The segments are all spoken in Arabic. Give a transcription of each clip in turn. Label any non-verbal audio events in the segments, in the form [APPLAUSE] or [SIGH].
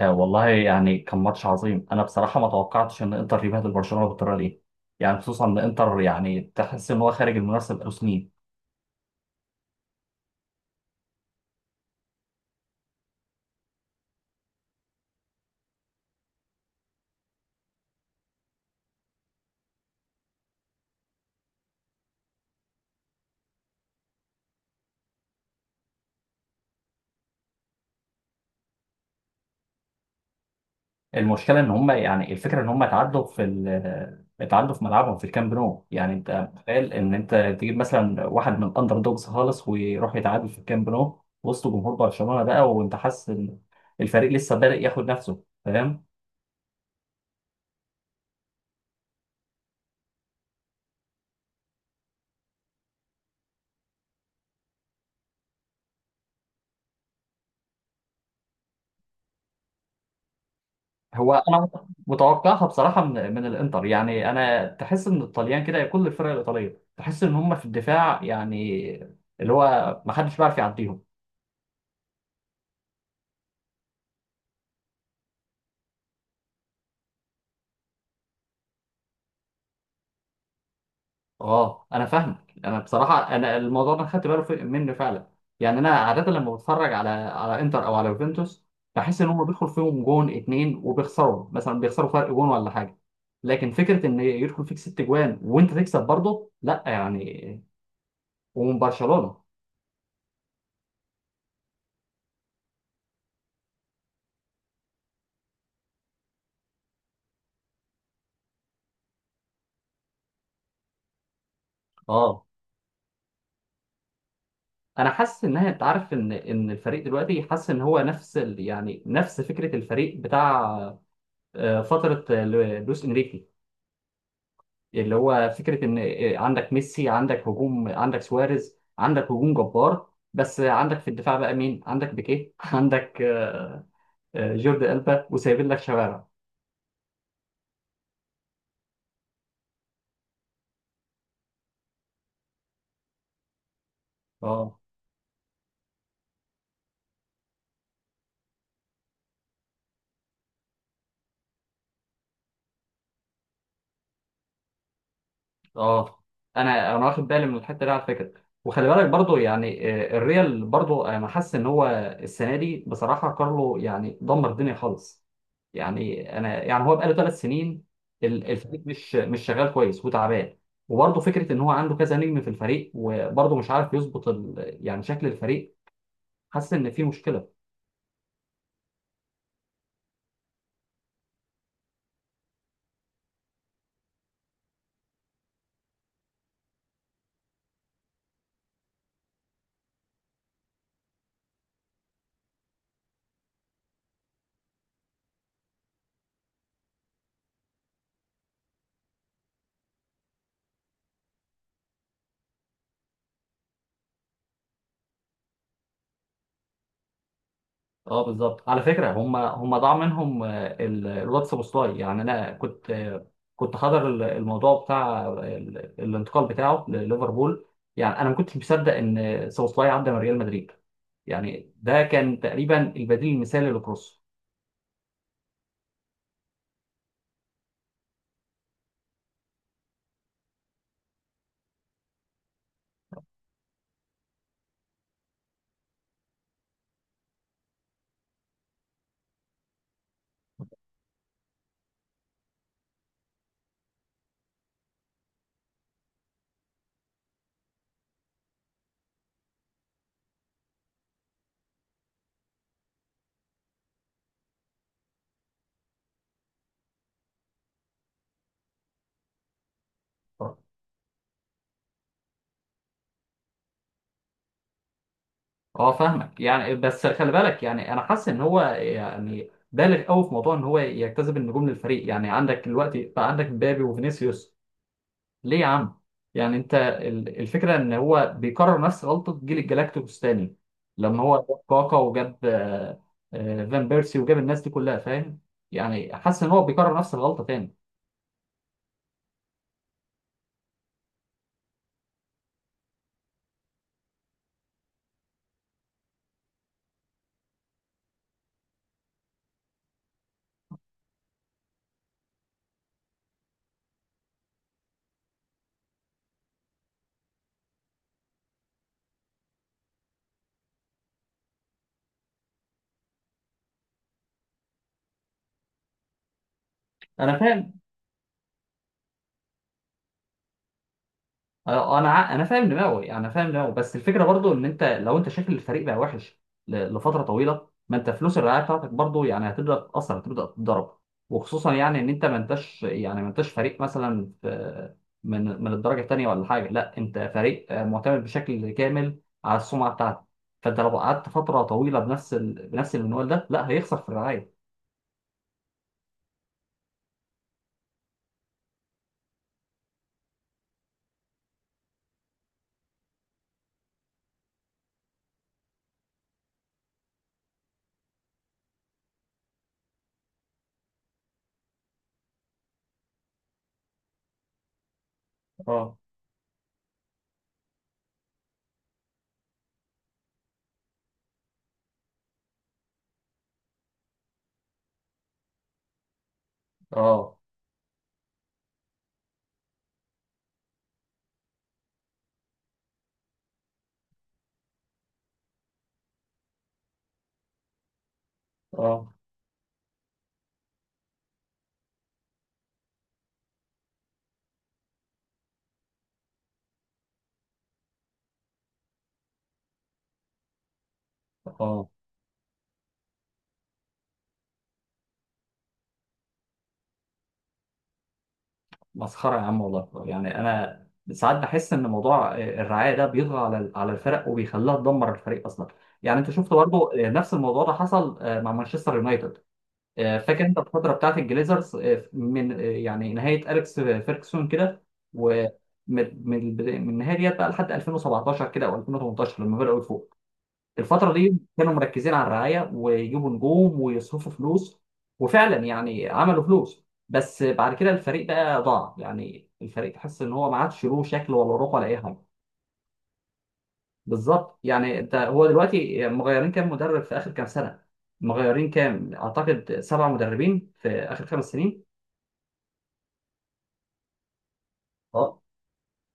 آه، والله يعني كان ماتش عظيم. انا بصراحه ما توقعتش ان انتر يبهدل برشلونه بالطريقه دي. يعني خصوصا ان انتر، يعني تحس ان هو خارج المنافسه بقاله سنين. المشكله ان هم، يعني الفكره ان هم اتعدوا في ال- آه، اتعدوا في ملعبهم في الكامب نو. يعني انت متخيل ان انت تجيب مثلا واحد من الاندر دوجز خالص ويروح يتعادل في الكامب نو وسط جمهور برشلونه بقى، وانت حاسس ان الفريق لسه بادئ ياخد نفسه، فاهم؟ هو انا متوقعها بصراحه من الانتر. يعني انا تحس ان الطليان كده، كل الفرق الايطاليه تحس ان هم في الدفاع يعني، اللي هو ما حدش بيعرف يعديهم. اه، انا فاهمك. انا بصراحه انا الموضوع ده خدت بالي منه فعلا. يعني انا عاده لما بتفرج على انتر او على يوفنتوس بحس ان هم بيدخل فيهم جون اتنين وبيخسروا، مثلا بيخسروا فرق جون ولا حاجه. لكن فكره ان يدخل فيك ست جوان وانت تكسب برضه، لا يعني، ومن برشلونه. اه، انا حاسس انها، انت عارف ان ان الفريق دلوقتي حاسس ان هو نفس ال... يعني نفس فكره الفريق بتاع فتره لويس انريكي. اللي هو فكره ان عندك ميسي، عندك هجوم، عندك سواريز، عندك هجوم جبار. بس عندك في الدفاع بقى مين؟ عندك بيكيه [LAUGHS] عندك جوردي ألبا، وسايبين لك شوارع. اه، اه، انا واخد بالي من الحته دي على فكره. وخلي بالك برضو، يعني الريال برضو انا حاسس ان هو السنه دي بصراحه، كارلو يعني دمر الدنيا خالص. يعني انا، يعني هو بقاله 3 سنين الفريق مش شغال كويس وتعبان. وبرضه فكره ان هو عنده كذا نجم في الفريق وبرضه مش عارف يظبط يعني شكل الفريق. حاسس ان في مشكله. اه بالظبط، على فكره. هم ضاع منهم الواتس بوستاي. يعني انا كنت كنت حاضر الموضوع بتاع الانتقال بتاعه لليفربول. يعني انا ما كنتش مصدق ان سوبوسلاي عدى من ريال مدريد، يعني ده كان تقريبا البديل المثالي لكروس. اه فاهمك. يعني بس خلي بالك، يعني انا حاسس ان هو يعني بالغ قوي في موضوع ان هو يجتذب النجوم للفريق. يعني عندك دلوقتي بقى، عندك مبابي وفينيسيوس. ليه يا عم؟ يعني انت الفكره ان هو بيكرر نفس غلطه جيل الجلاكتيكوس تاني لما هو جاب كاكا وجاب فان بيرسي وجاب الناس دي كلها، فاهم؟ يعني حاسس ان هو بيكرر نفس الغلطه تاني. انا فاهم. اه، انا انا فاهم دماغه. يعني انا فاهم دماغه، بس الفكره برضو ان انت لو انت شايف الفريق بقى وحش لفتره طويله، ما انت فلوس الرعايه بتاعتك برضو يعني هتبدا تتاثر، هتبدا تتضرب. وخصوصا يعني ان انت ما انتش فريق مثلا في من من الدرجه الثانيه ولا حاجه. لا، انت فريق معتمد بشكل كامل على السمعه بتاعتك. فانت لو قعدت فتره طويله بنفس المنوال ده، لا، هيخسر في الرعايه. اه، اه، اه، اه، مسخرة يا عم والله. يعني أنا ساعات بحس إن موضوع الرعاية ده بيطغى على الفرق وبيخليها تدمر الفريق أصلا. يعني أنت شفت برضه نفس الموضوع ده حصل مع مانشستر يونايتد. فاكر أنت الفترة بتاعت الجليزرز، من يعني نهاية أليكس فيركسون كده، ومن من من النهاية ديت بقى لحد 2017 كده أو 2018 لما بدأوا يفوقوا. الفترة دي كانوا مركزين على الرعاية ويجيبوا نجوم ويصرفوا فلوس. وفعلا يعني عملوا فلوس، بس بعد كده الفريق بقى ضاع. يعني الفريق تحس ان هو ما عادش له شكل ولا روح ولا اي حاجة. بالظبط. يعني انت هو دلوقتي مغيرين كام مدرب في اخر كام سنة؟ مغيرين كام، اعتقد سبع مدربين في اخر 5 سنين. اه،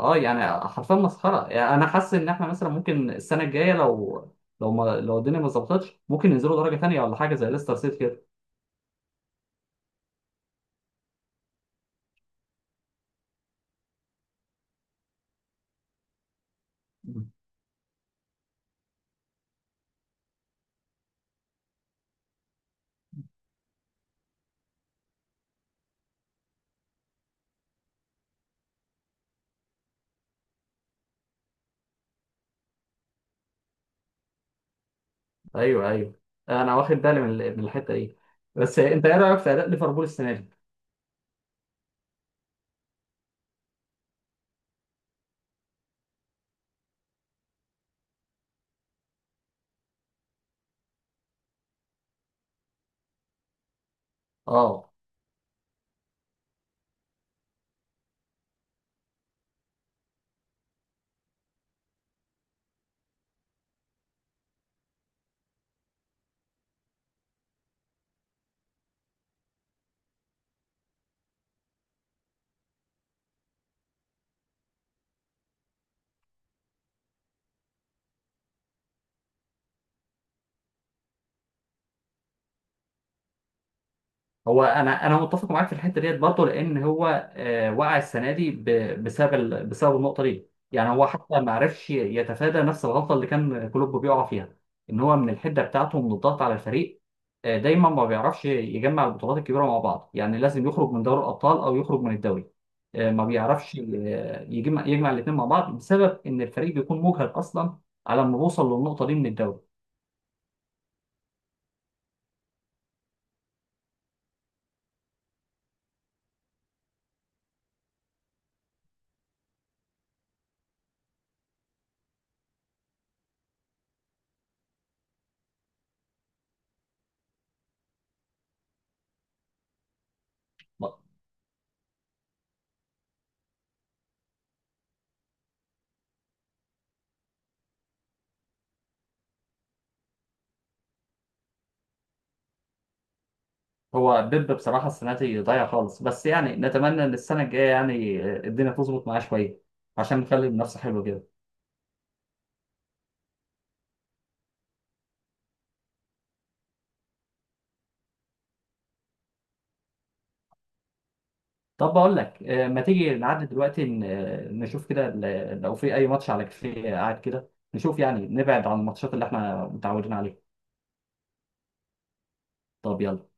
اه، يعني حرفيا مسخرة. يعني انا حاسس ان احنا مثلا ممكن السنة الجاية لو، لو ما، لو الدنيا ما ظبطتش ممكن ينزلوا درجة تانية ولا حاجة زي ليستر سيتي كده. ايوه، ايوه، انا واخد بالي من الحته دي. بس انت ايه رايك في اداء ليفربول السنه دي؟ اه، هو انا متفق معاك في الحته ديت برضه. لان هو وقع السنه دي بسبب النقطه دي. يعني هو حتى ما عرفش يتفادى نفس الغلطه اللي كان كلوب بيقع فيها، ان هو من الحده بتاعته، من الضغط على الفريق. دايما ما بيعرفش يجمع البطولات الكبيره مع بعض. يعني لازم يخرج من دوري الابطال او يخرج من الدوري. ما بيعرفش يجمع الاثنين مع بعض بسبب ان الفريق بيكون مجهد اصلا على ما بوصل للنقطه دي من الدوري. هو بيب بصراحة السنة دي ضايع خالص، بس يعني نتمنى إن السنة الجاية يعني الدنيا تظبط معاه شوية عشان نخلي المنافسة حلوة كده. طب بقول لك، ما تيجي نعدي دلوقتي نشوف كده لو في أي ماتش على كافيه قاعد كده نشوف. يعني نبعد عن الماتشات اللي إحنا متعودين عليها. طب يلا.